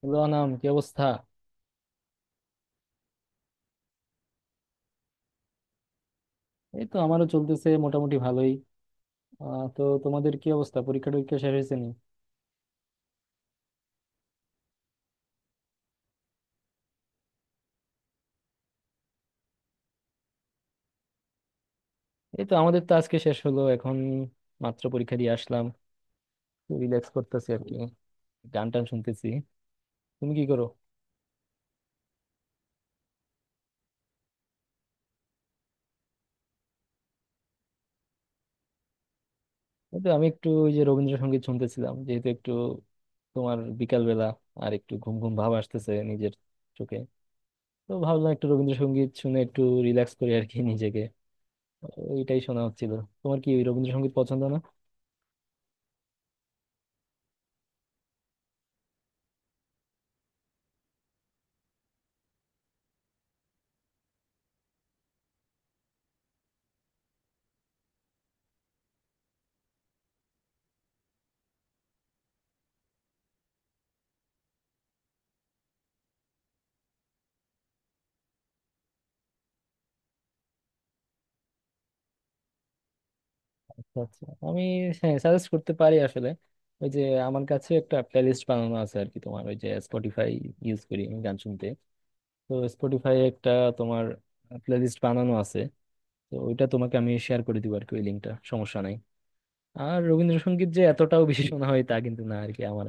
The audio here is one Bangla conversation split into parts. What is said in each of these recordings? হ্যালো আনাম, কি অবস্থা? এই তো আমারও চলতেছে মোটামুটি ভালোই। তো তোমাদের কি অবস্থা? পরীক্ষা টরীক্ষা শেষ হয়েছে নি? এই তো আমাদের তো আজকে শেষ হলো, এখন মাত্র পরীক্ষা দিয়ে আসলাম। রিল্যাক্স করতেছি আর কি, গান টান শুনতেছি। তুমি কি করো? এই তো আমি একটু ওই যে রবীন্দ্রসঙ্গীত শুনতেছিলাম, যেহেতু একটু তোমার বিকাল বেলা, আর একটু ঘুম ঘুম ভাব আসতেছে নিজের চোখে। তো ভাবলাম একটু রবীন্দ্রসঙ্গীত শুনে একটু রিল্যাক্স করি আর কি নিজেকে, ওইটাই শোনা হচ্ছিল। তোমার কি রবীন্দ্রসঙ্গীত পছন্দ না? আচ্ছা আচ্ছা, আমি হ্যাঁ সাজেস্ট করতে পারি আসলে। ওই যে আমার কাছে একটা প্লেলিস্ট বানানো আছে আর কি, তোমার ওই যে স্পটিফাই ইউজ করি আমি গান শুনতে। তো স্পটিফাই একটা তোমার প্লেলিস্ট বানানো আছে, তো ওইটা তোমাকে আমি শেয়ার করে দিব আর কি, ওই লিঙ্কটা, সমস্যা নাই। আর রবীন্দ্রসঙ্গীত যে এতটাও বেশি শোনা হয় তা কিন্তু না আর কি আমার।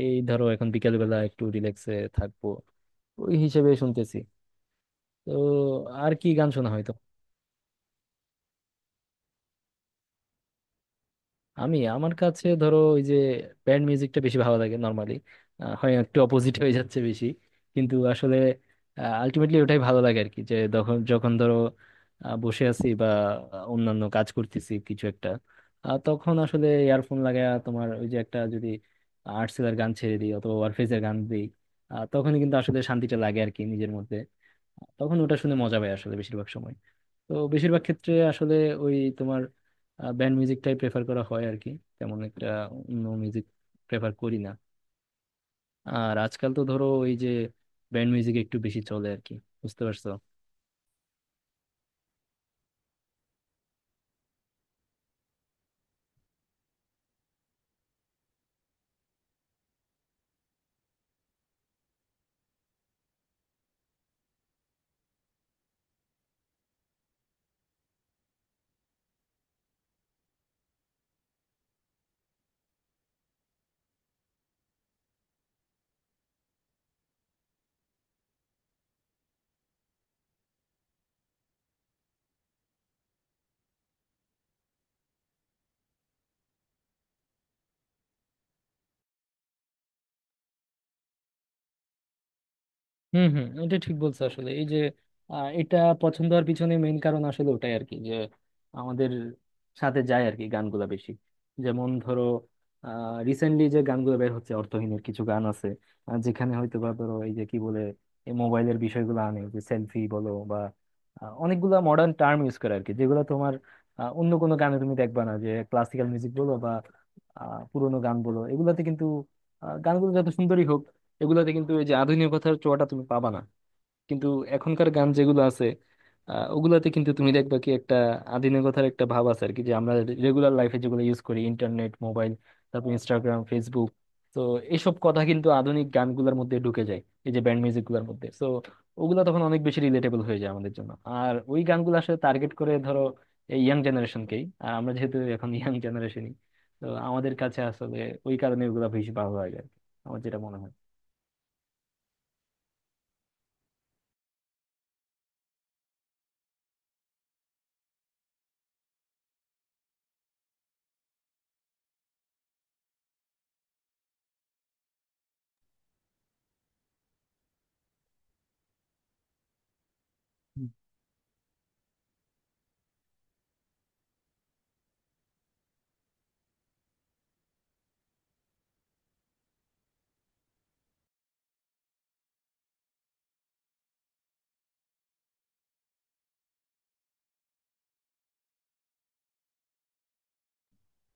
এই ধরো এখন বিকেল বেলা একটু রিল্যাক্সে থাকবো, ওই হিসেবে শুনতেছি। তো আর কি গান শোনা হয়? আমি, আমার কাছে ধরো ওই যে ব্যান্ড মিউজিকটা বেশি ভালো লাগে নর্মালি। হয় একটু অপোজিট হয়ে যাচ্ছে বেশি, কিন্তু আসলে আলটিমেটলি ওটাই ভালো লাগে আর কি। যে যখন যখন ধরো বসে আছি বা অন্যান্য কাজ করতেছি কিছু একটা, তখন আসলে ইয়ারফোন লাগায়া তোমার ওই যে একটা যদি আর্টসেলের গান ছেড়ে দিই অথবা ওয়ারফেজের গান দিই, তখনই কিন্তু আসলে শান্তিটা লাগে আর কি নিজের মধ্যে। তখন ওটা শুনে মজা পাই আসলে বেশিরভাগ সময়। তো বেশিরভাগ ক্ষেত্রে আসলে ওই তোমার ব্যান্ড মিউজিকটাই প্রেফার করা হয় আর কি, তেমন একটা অন্য মিউজিক প্রেফার করি না। আর আজকাল তো ধরো ওই যে ব্যান্ড মিউজিক একটু বেশি চলে আর কি, বুঝতে পারছো? হুম হুম, এটা ঠিক বলছো আসলে। এই যে এটা পছন্দ হওয়ার পিছনে মেইন কারণ আসলে ওটাই আর কি, যে আমাদের সাথে যায় আর কি গানগুলা বেশি। যেমন ধরো রিসেন্টলি যে গানগুলো বের হচ্ছে অর্থহীনের কিছু গান আছে, যেখানে হয়তো বা ধরো এই যে কি বলে এই মোবাইলের বিষয়গুলো আনে, যে সেলফি বলো বা অনেকগুলা মডার্ন টার্ম ইউজ করে আর কি, যেগুলো তোমার অন্য কোনো গানে তুমি দেখবা না। যে ক্লাসিক্যাল মিউজিক বলো বা পুরোনো গান বলো এগুলাতে কিন্তু গানগুলো যত সুন্দরই হোক এগুলাতে কিন্তু এই যে আধুনিকতার ছোঁয়াটা তুমি পাবা না। কিন্তু এখনকার গান যেগুলো আছে ওগুলাতে কিন্তু তুমি দেখবা কি একটা আধুনিকতার একটা ভাব আছে আর কি। যে আমরা রেগুলার লাইফে যেগুলো ইউজ করি, ইন্টারনেট, মোবাইল, তারপর ইনস্টাগ্রাম, ফেসবুক, তো এইসব কথা কিন্তু আধুনিক গানগুলোর মধ্যে ঢুকে যায়, এই যে ব্যান্ড মিউজিক গুলোর মধ্যে। তো ওগুলা তখন অনেক বেশি রিলেটেবল হয়ে যায় আমাদের জন্য। আর ওই গানগুলো আসলে টার্গেট করে ধরো এই ইয়াং জেনারেশনকেই, আর আমরা যেহেতু এখন ইয়াং জেনারেশনই, তো আমাদের কাছে আসলে ওই কারণে ওগুলা বেশি ভালো লাগে আর কি, আমার যেটা মনে হয়।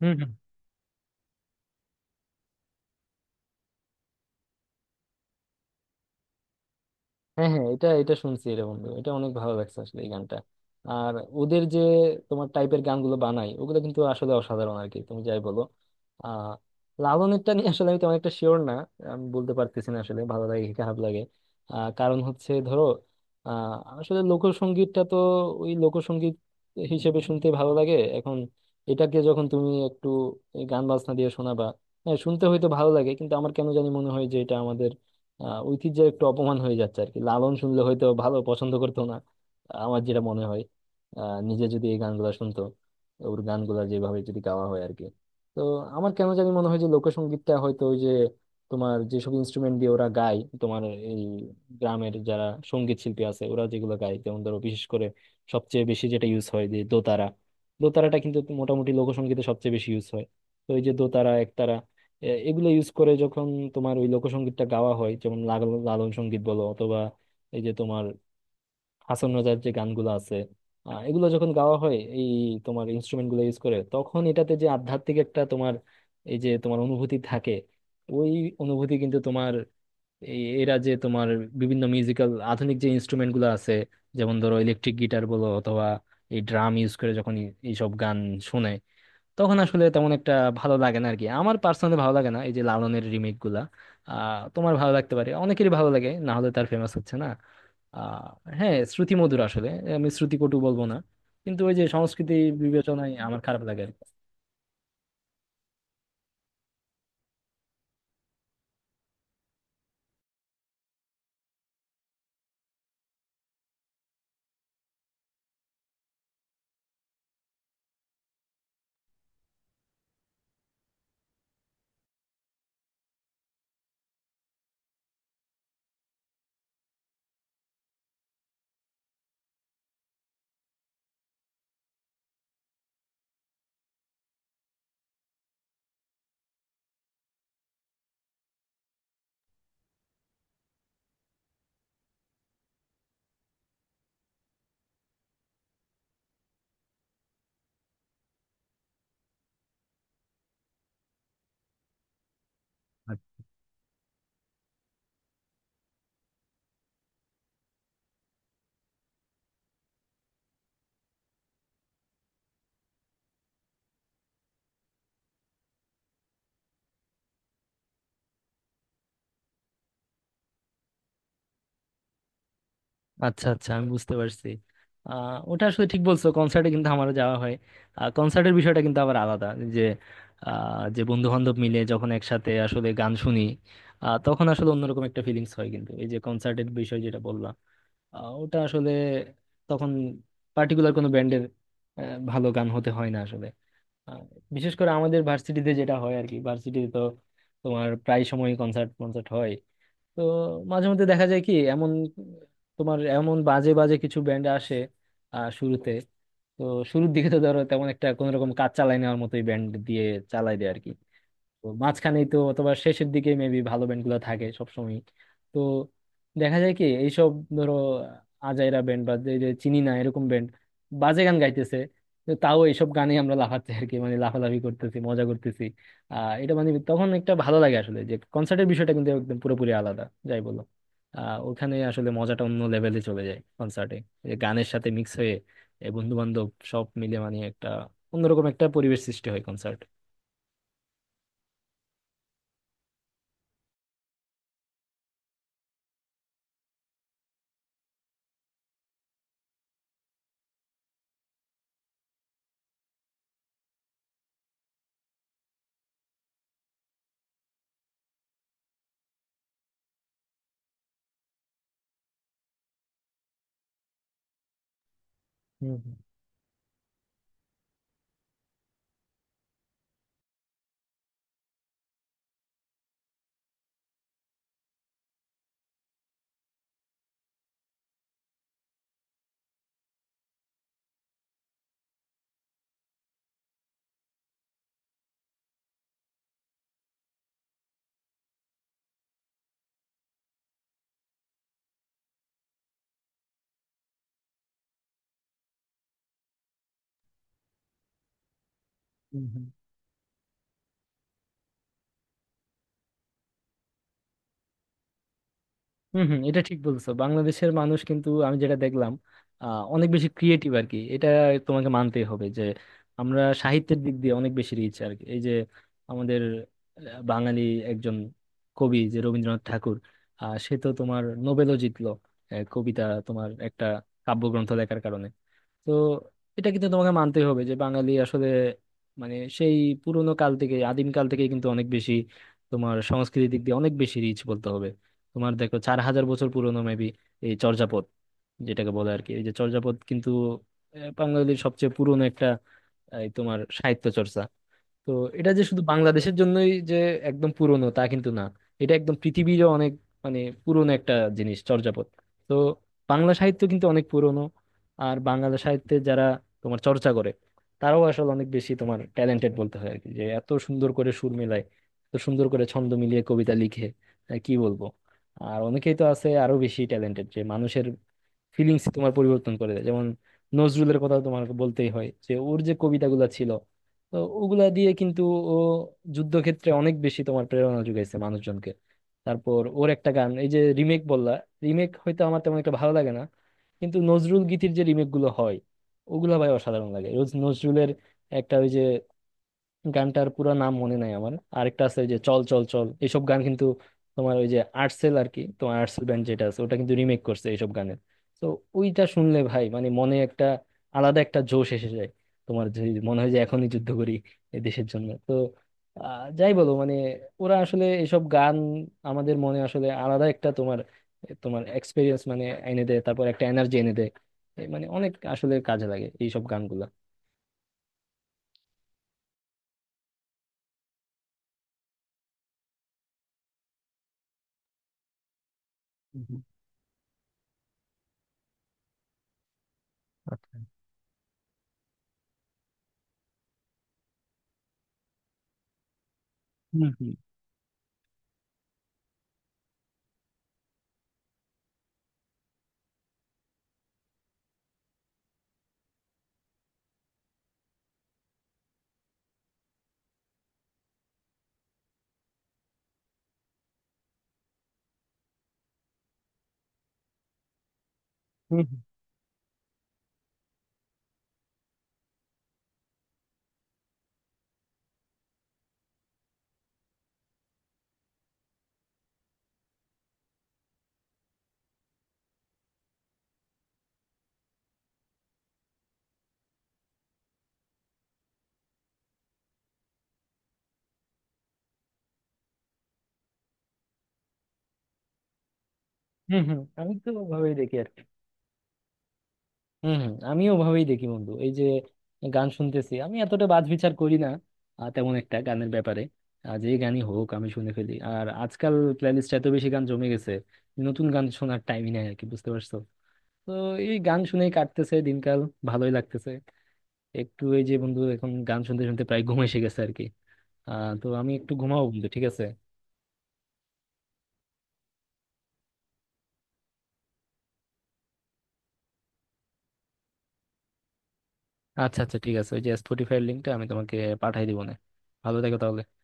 হুম হুম। হ্যাঁ হ্যাঁ, এটা এটা শুনছি রে বন্ধু, এটা অনেক ভালো লাগছে আসলে এই গানটা। আর ওদের যে তোমার টাইপের গানগুলো বানায় ওগুলো কিন্তু আসলে অসাধারণ আর কি, তুমি যাই বলো। আহ লালনেরটা নিয়ে আসলে আমি তেমন একটা শিওর না, আমি বলতে পারতেছি না আসলে ভালো লাগে কি খারাপ লাগে। কারণ হচ্ছে ধরো আহ আসলে লোকসঙ্গীতটা তো ওই লোকসঙ্গীত হিসেবে শুনতে ভালো লাগে এখন। এটাকে যখন তুমি একটু এই গান বাজনা দিয়ে শোনাবা, হ্যাঁ শুনতে হয়তো ভালো লাগে, কিন্তু আমার কেন জানি মনে হয় যে এটা আমাদের ঐতিহ্যের একটু অপমান হয়ে যাচ্ছে আর কি। লালন শুনলে হয়তো ভালো পছন্দ করতো না, আমার যেটা মনে হয়, নিজে যদি এই গানগুলো শুনতো, ওর গানগুলো যেভাবে যদি গাওয়া হয় আর কি। তো আমার কেন জানি মনে হয় যে লোকসঙ্গীতটা হয়তো ওই যে তোমার যেসব ইনস্ট্রুমেন্ট দিয়ে ওরা গায়, তোমার এই গ্রামের যারা সঙ্গীত শিল্পী আছে ওরা যেগুলো গায়, যেমন ধরো বিশেষ করে সবচেয়ে বেশি যেটা ইউজ হয়, যে দোতারা, দোতারাটা কিন্তু মোটামুটি লোকসঙ্গীতে সবচেয়ে বেশি ইউজ হয়। তো এই যে দোতারা একতারা এগুলো ইউজ করে যখন তোমার ওই লোকসঙ্গীতটা গাওয়া হয়, যেমন লালন সঙ্গীত বলো অথবা এই যে তোমার হাসন রাজার যে গানগুলো আছে, এগুলো যখন গাওয়া হয় এই তোমার ইনস্ট্রুমেন্ট গুলো ইউজ করে, তখন এটাতে যে আধ্যাত্মিক একটা তোমার এই যে তোমার অনুভূতি থাকে, ওই অনুভূতি কিন্তু তোমার এই এরা যে তোমার বিভিন্ন মিউজিক্যাল আধুনিক যে ইনস্ট্রুমেন্ট গুলো আছে, যেমন ধরো ইলেকট্রিক গিটার বলো অথবা এই ড্রাম ইউজ করে যখন এইসব গান শোনে, তখন আসলে তেমন একটা ভালো লাগে না আর কি, আমার পার্সোনালি ভালো লাগে না এই যে লালনের রিমেক গুলা। তোমার ভালো লাগতে পারে, অনেকেরই ভালো লাগে, না হলে তার ফেমাস হচ্ছে না। আহ হ্যাঁ, শ্রুতি মধুর আসলে, আমি শ্রুতি কটু বলবো না, কিন্তু ওই যে সংস্কৃতি বিবেচনায় আমার খারাপ লাগে আর কি। আচ্ছা আচ্ছা, আমি বুঝতে পারছি। ওটা আসলে ঠিক বলছো, কনসার্টে কিন্তু আমারও যাওয়া হয়। কনসার্টের বিষয়টা কিন্তু আবার আলাদা, যে যে বন্ধু বান্ধব মিলে যখন একসাথে আসলে গান শুনি, তখন আসলে অন্যরকম একটা ফিলিংস হয়। কিন্তু এই যে কনসার্টের বিষয় যেটা বললাম, ওটা আসলে তখন পার্টিকুলার কোনো ব্যান্ডের ভালো গান হতে হয় না আসলে। আহ, বিশেষ করে আমাদের ভার্সিটিতে যেটা হয় আর কি, ভার্সিটিতে তো তোমার প্রায় সময় কনসার্ট কনসার্ট হয়। তো মাঝে মধ্যে দেখা যায় কি, এমন তোমার এমন বাজে বাজে কিছু ব্যান্ড আসে শুরুতে। তো শুরুর দিকে তো ধরো তেমন একটা কোনো রকম কাজ চালাই নেওয়ার মতোই ব্যান্ড দিয়ে চালাই দেয় আর কি। তো মাঝখানেই তো অথবা শেষের দিকে মেবি ভালো ব্যান্ডগুলো থাকে সবসময়। তো দেখা যায় কি এইসব ধরো আজাইরা ব্যান্ড বা যে যে চিনি না এরকম ব্যান্ড বাজে গান গাইতেছে, তো তাও এইসব গানে আমরা লাফাচ্ছি আর কি, মানে লাফালাফি করতেছি, মজা করতেছি। এটা মানে তখন একটা ভালো লাগে আসলে, যে কনসার্টের বিষয়টা কিন্তু একদম পুরোপুরি আলাদা, যাই বলো। ওখানে আসলে মজাটা অন্য লেভেলে চলে যায় কনসার্টে, যে গানের সাথে মিক্স হয়ে বন্ধু বান্ধব সব মিলে মানে একটা অন্যরকম একটা পরিবেশ সৃষ্টি হয় কনসার্ট। হুম হুম। হুম হুম। হম হম, এটা ঠিক বলছো। বাংলাদেশের মানুষ কিন্তু, আমি যেটা দেখলাম, অনেক বেশি ক্রিয়েটিভ আর কি। এটা তোমাকে মানতেই হবে যে আমরা সাহিত্যের দিক দিয়ে অনেক বেশি রিচ আর কি। এই যে আমাদের বাঙালি একজন কবি যে রবীন্দ্রনাথ ঠাকুর, সে তো তোমার নোবেলও জিতলো কবিতা তোমার একটা কাব্যগ্রন্থ লেখার কারণে। তো এটা কিন্তু তোমাকে মানতেই হবে, যে বাঙালি আসলে মানে সেই পুরোনো কাল থেকে, আদিম কাল থেকে কিন্তু অনেক বেশি তোমার সংস্কৃতির দিক দিয়ে অনেক বেশি রিচ বলতে হবে। তোমার দেখো চার হাজার বছর পুরোনো মেবি এই চর্যাপদ যেটাকে বলে আর কি, এই যে চর্যাপদ কিন্তু বাঙালির সবচেয়ে পুরোনো একটা এই তোমার সাহিত্য চর্চা। তো এটা যে শুধু বাংলাদেশের জন্যই যে একদম পুরনো তা কিন্তু না, এটা একদম পৃথিবীরও অনেক মানে পুরনো একটা জিনিস চর্যাপদ। তো বাংলা সাহিত্য কিন্তু অনেক পুরনো। আর বাংলা সাহিত্যে যারা তোমার চর্চা করে, তারাও আসলে অনেক বেশি তোমার ট্যালেন্টেড বলতে হয় আর কি, যে এত সুন্দর করে সুর মেলায়, এত সুন্দর করে ছন্দ মিলিয়ে কবিতা লিখে, কি বলবো। আর অনেকেই তো আছে আরো বেশি ট্যালেন্টেড, যে মানুষের ফিলিংস তোমার পরিবর্তন করে দেয়, যেমন নজরুলের কথা তোমার বলতেই হয়, যে ওর যে কবিতাগুলো ছিল, তো ওগুলা দিয়ে কিন্তু ও যুদ্ধক্ষেত্রে অনেক বেশি তোমার প্রেরণা যোগাইছে মানুষজনকে। তারপর ওর একটা গান, এই যে রিমেক বললা, রিমেক হয়তো আমার তেমন একটা ভালো লাগে না, কিন্তু নজরুল গীতির যে রিমেক গুলো হয় ওগুলা ভাই অসাধারণ লাগে রোজ। নজরুলের একটা ওই যে গানটার পুরো নাম মনে নাই আমার, আরেকটা আছে ওই যে চল চল চল, এইসব গান কিন্তু তোমার ওই যে আর্টসেল আর কি, তোমার আর্টসেল ব্যান্ড যেটা আছে ওটা কিন্তু রিমেক করছে এইসব গানের। তো ওইটা শুনলে ভাই মানে মনে একটা আলাদা একটা জোশ এসে যায়, তোমার যে মনে হয় যে এখনই যুদ্ধ করি এই দেশের জন্য। তো যাই বলো মানে ওরা আসলে এসব গান আমাদের মনে আসলে আলাদা একটা তোমার, তোমার এক্সপিরিয়েন্স মানে এনে দেয়, তারপর একটা এনার্জি এনে দেয়। এ মানে অনেক আসলে কাজে লাগে এইসব গানগুলা। হুম হুম। আচ্ছা। হুম হুম। হুম হুম। হম হম, আমি তো ওভাবেই দেখি আর কি। হম হম, আমিও ওভাবেই দেখি বন্ধু। এই যে গান শুনতেছি, আমি এতটা বাজ বিচার করি না তেমন একটা গানের ব্যাপারে। যে গানই হোক আমি শুনে ফেলি। আর আজকাল প্লেলিস্ট এত বেশি গান জমে গেছে, নতুন গান শোনার টাইমই নাই আর কি, বুঝতে পারছো? তো এই গান শুনেই কাটতেছে দিনকাল, ভালোই লাগতেছে। একটু, এই যে বন্ধু এখন গান শুনতে শুনতে প্রায় ঘুম এসে গেছে আর কি, তো আমি একটু ঘুমাবো বন্ধু, ঠিক আছে? আচ্ছা আচ্ছা, ঠিক আছে। ওই যে স্পটিফাই লিঙ্কটা আমি তোমাকে পাঠাই দিবো না, ভালো থেকো তাহলে।